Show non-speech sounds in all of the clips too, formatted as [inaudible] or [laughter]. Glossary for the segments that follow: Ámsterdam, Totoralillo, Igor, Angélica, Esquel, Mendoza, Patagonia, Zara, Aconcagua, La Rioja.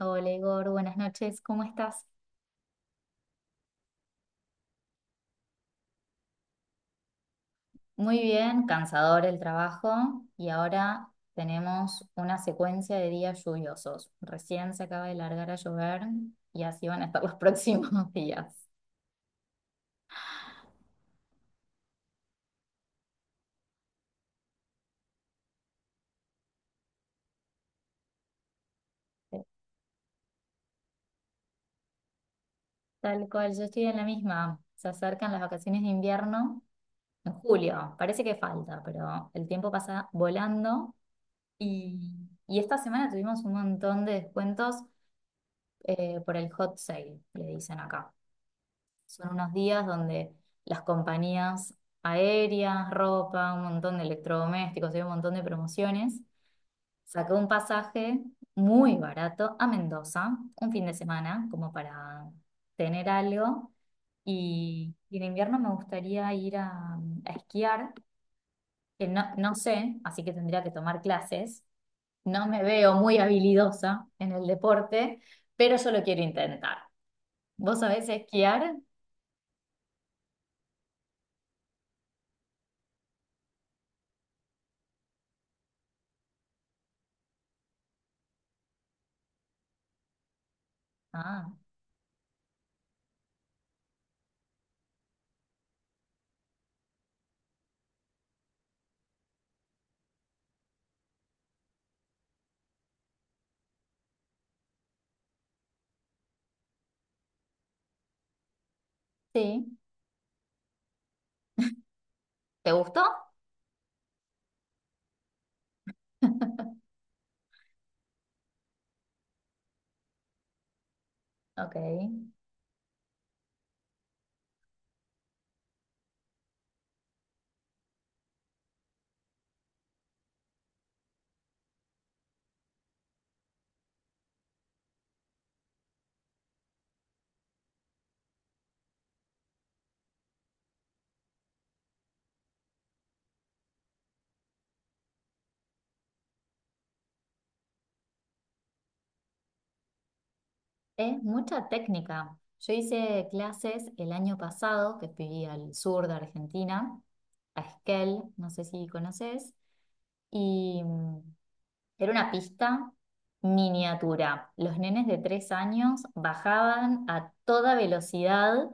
Hola Igor, buenas noches, ¿cómo estás? Muy bien, cansador el trabajo y ahora tenemos una secuencia de días lluviosos. Recién se acaba de largar a llover y así van a estar los [laughs] próximos días. Eh, Tal cual, yo estoy en la misma. Se acercan las vacaciones de invierno en julio. Parece que falta, pero el tiempo pasa volando. Y, y esta semana tuvimos un montón de descuentos por el hot sale, le dicen acá. Son unos días donde las compañías aéreas, ropa, un montón de electrodomésticos, hay un montón de promociones. Saqué un pasaje muy barato a Mendoza, un fin de semana, como para tener algo. Y en invierno me gustaría ir a esquiar, que no, no sé, así que tendría que tomar clases. No me veo muy habilidosa en el deporte, pero yo lo quiero intentar. ¿Vos sabés esquiar? Ah, sí. ¿Te gustó? [laughs] Ok. Es mucha técnica. Yo hice clases el año pasado, que fui al sur de Argentina, a Esquel, no sé si conoces, y era una pista miniatura. Los nenes de 3 años bajaban a toda velocidad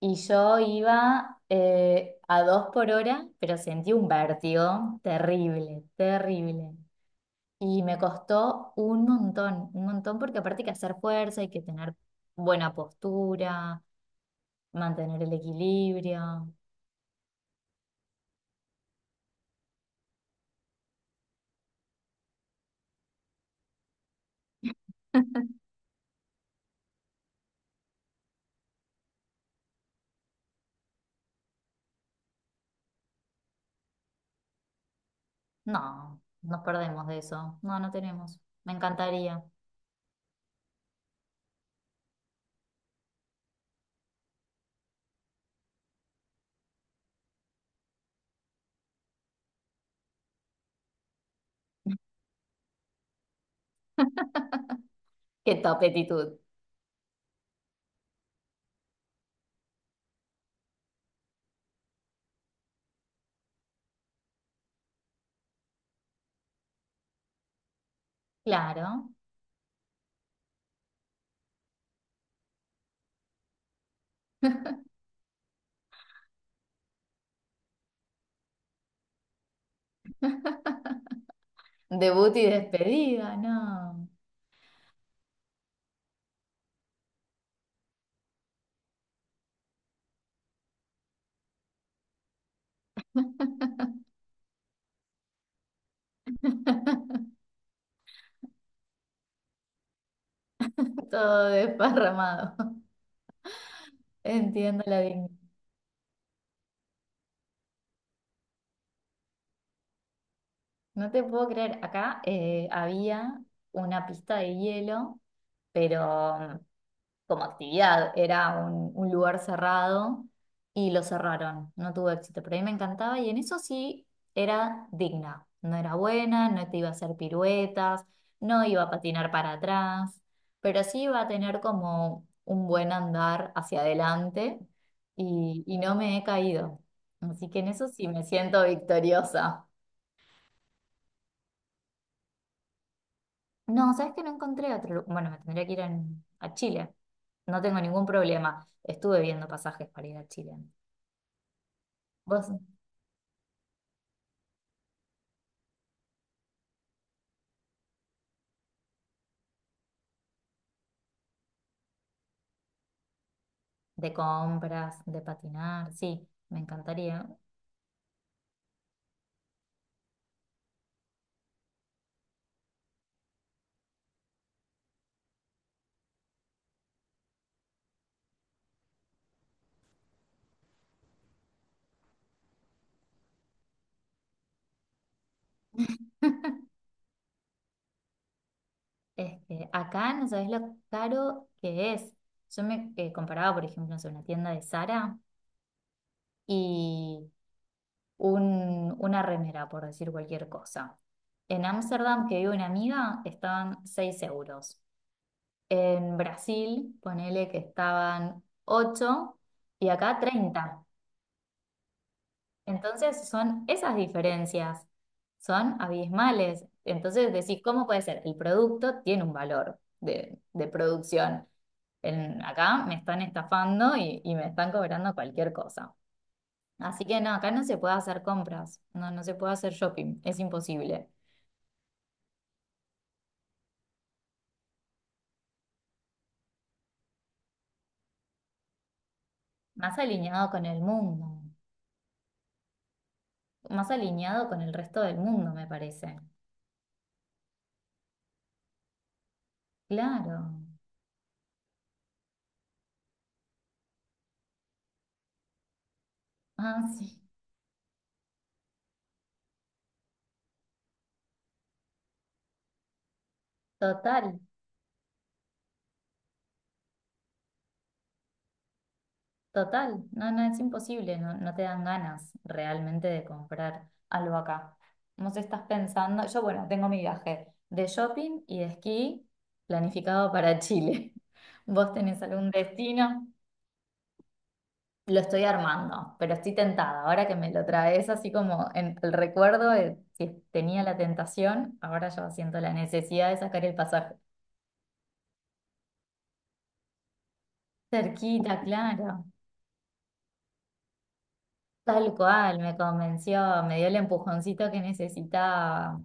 y yo iba a 2 por hora, pero sentí un vértigo terrible, terrible. Y me costó un montón, porque aparte hay que hacer fuerza, hay que tener buena postura, mantener el equilibrio. No, nos perdemos de eso. No, no tenemos. Me encantaría. Qué top actitud. Claro. Debut y despedida, no. [laughs] Todo desparramado. Entiendo la dignidad. No te puedo creer. Acá había una pista de hielo, pero como actividad, era un lugar cerrado y lo cerraron, no tuvo éxito, pero a mí me encantaba y en eso sí era digna, no era buena, no te iba a hacer piruetas, no iba a patinar para atrás, pero sí iba a tener como un buen andar hacia adelante y no me he caído, así que en eso sí me siento victoriosa. No, ¿sabes que no encontré otro? Lu- Bueno, me tendría que ir en- a Chile. No tengo ningún problema. Estuve viendo pasajes para ir a Chile. ¿Vos de compras, de patinar, sí, me encantaría. Este, acá no sabes lo caro que es. Yo me comparaba, por ejemplo, no sé, una tienda de Zara y un, una remera, por decir cualquier cosa. En Ámsterdam, que vive una amiga, estaban 6 euros. En Brasil, ponele que estaban 8 y acá 30. Entonces son esas diferencias, son abismales. Entonces decís, ¿cómo puede ser? El producto tiene un valor de producción. En- acá me están estafando y me están cobrando cualquier cosa. Así que no, acá no se puede hacer compras, no, no se puede hacer shopping, es imposible. Más alineado con el mundo, más alineado con el resto del mundo, me parece. Claro. Ah, sí, total. Total, no, no, es imposible, no, no te dan ganas realmente de comprar algo acá. No sé, estás pensando, yo bueno, tengo mi viaje de shopping y de esquí planificado para Chile. [laughs] ¿Vos tenés algún destino? Lo estoy armando, pero estoy tentada. Ahora que me lo traes así como en el recuerdo de si tenía la tentación, ahora yo siento la necesidad de sacar el pasaje. Cerquita, claro. Tal cual, me convenció, me dio el empujoncito que necesitaba.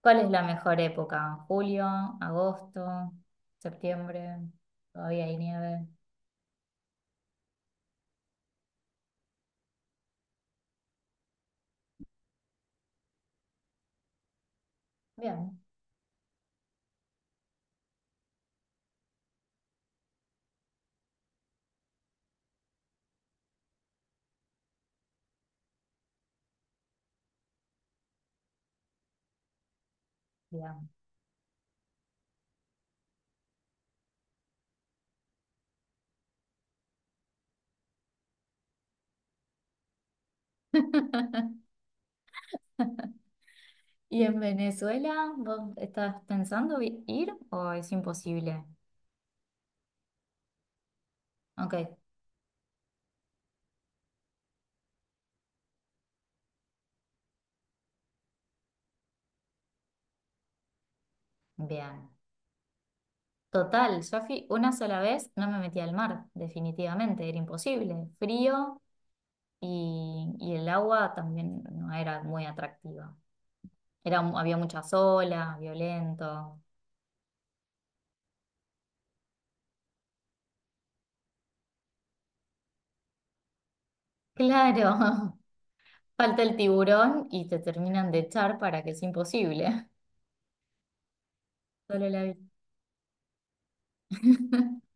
¿Cuál es la mejor época? ¿Julio, agosto, septiembre? ¿Todavía hay nieve? Bien, bien. [laughs] ¿Y en Venezuela vos estás pensando vi- ir o es imposible? Ok, bien. Total, yo fui una sola vez, no me metí al mar, definitivamente, era imposible. Frío y el agua también no era muy atractiva. Era, mu- había muchas olas, violento. Claro, [laughs] falta el tiburón y te terminan de echar para que es imposible. [laughs] Solo la vista. [laughs]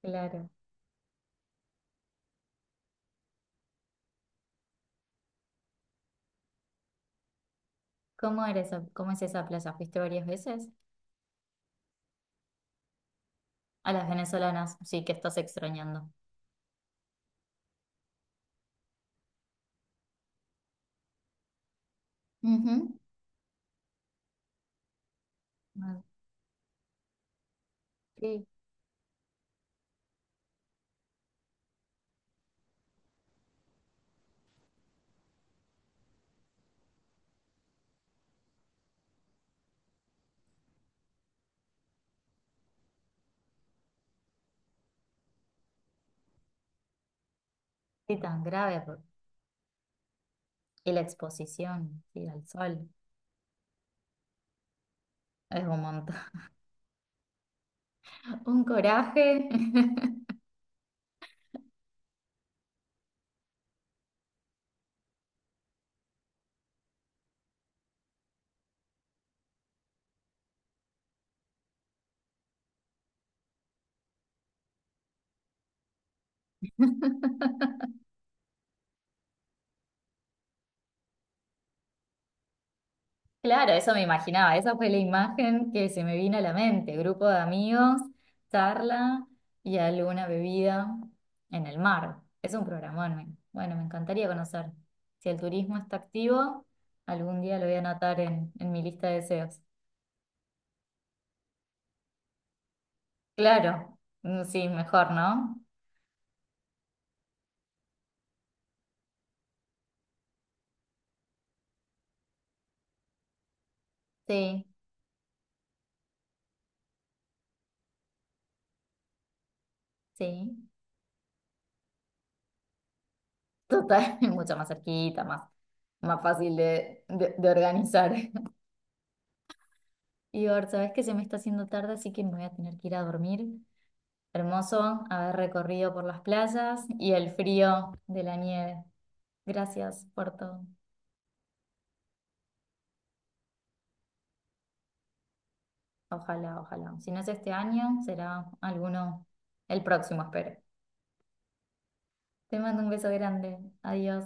Claro. ¿Cómo era esa, cómo es esa plaza? ¿Fuiste varias veces? A las venezolanas, sí, que estás extrañando. Ujú. Ah, sí, sí, tan grave. Por- Y la exposición, sí, al sol. Es un montón. [laughs] Un coraje. [laughs] Claro, eso me imaginaba, esa fue la imagen que se me vino a la mente, grupo de amigos, charla y alguna bebida en el mar. Es un programón, me- bueno, me encantaría conocer. Si el turismo está activo, algún día lo voy a anotar en mi lista de deseos. Claro, mm, sí, mejor, ¿no? Sí, sí, total, [laughs] mucho más cerquita, más, más fácil de organizar. [laughs] Igor, ¿sabes que se me está haciendo tarde, así que me voy a tener que ir a dormir? Hermoso haber recorrido por las playas y el frío de la nieve. Gracias por todo. Ojalá, ojalá. Si no es este año, será alguno el próximo, espero. Te mando un beso grande. Adiós.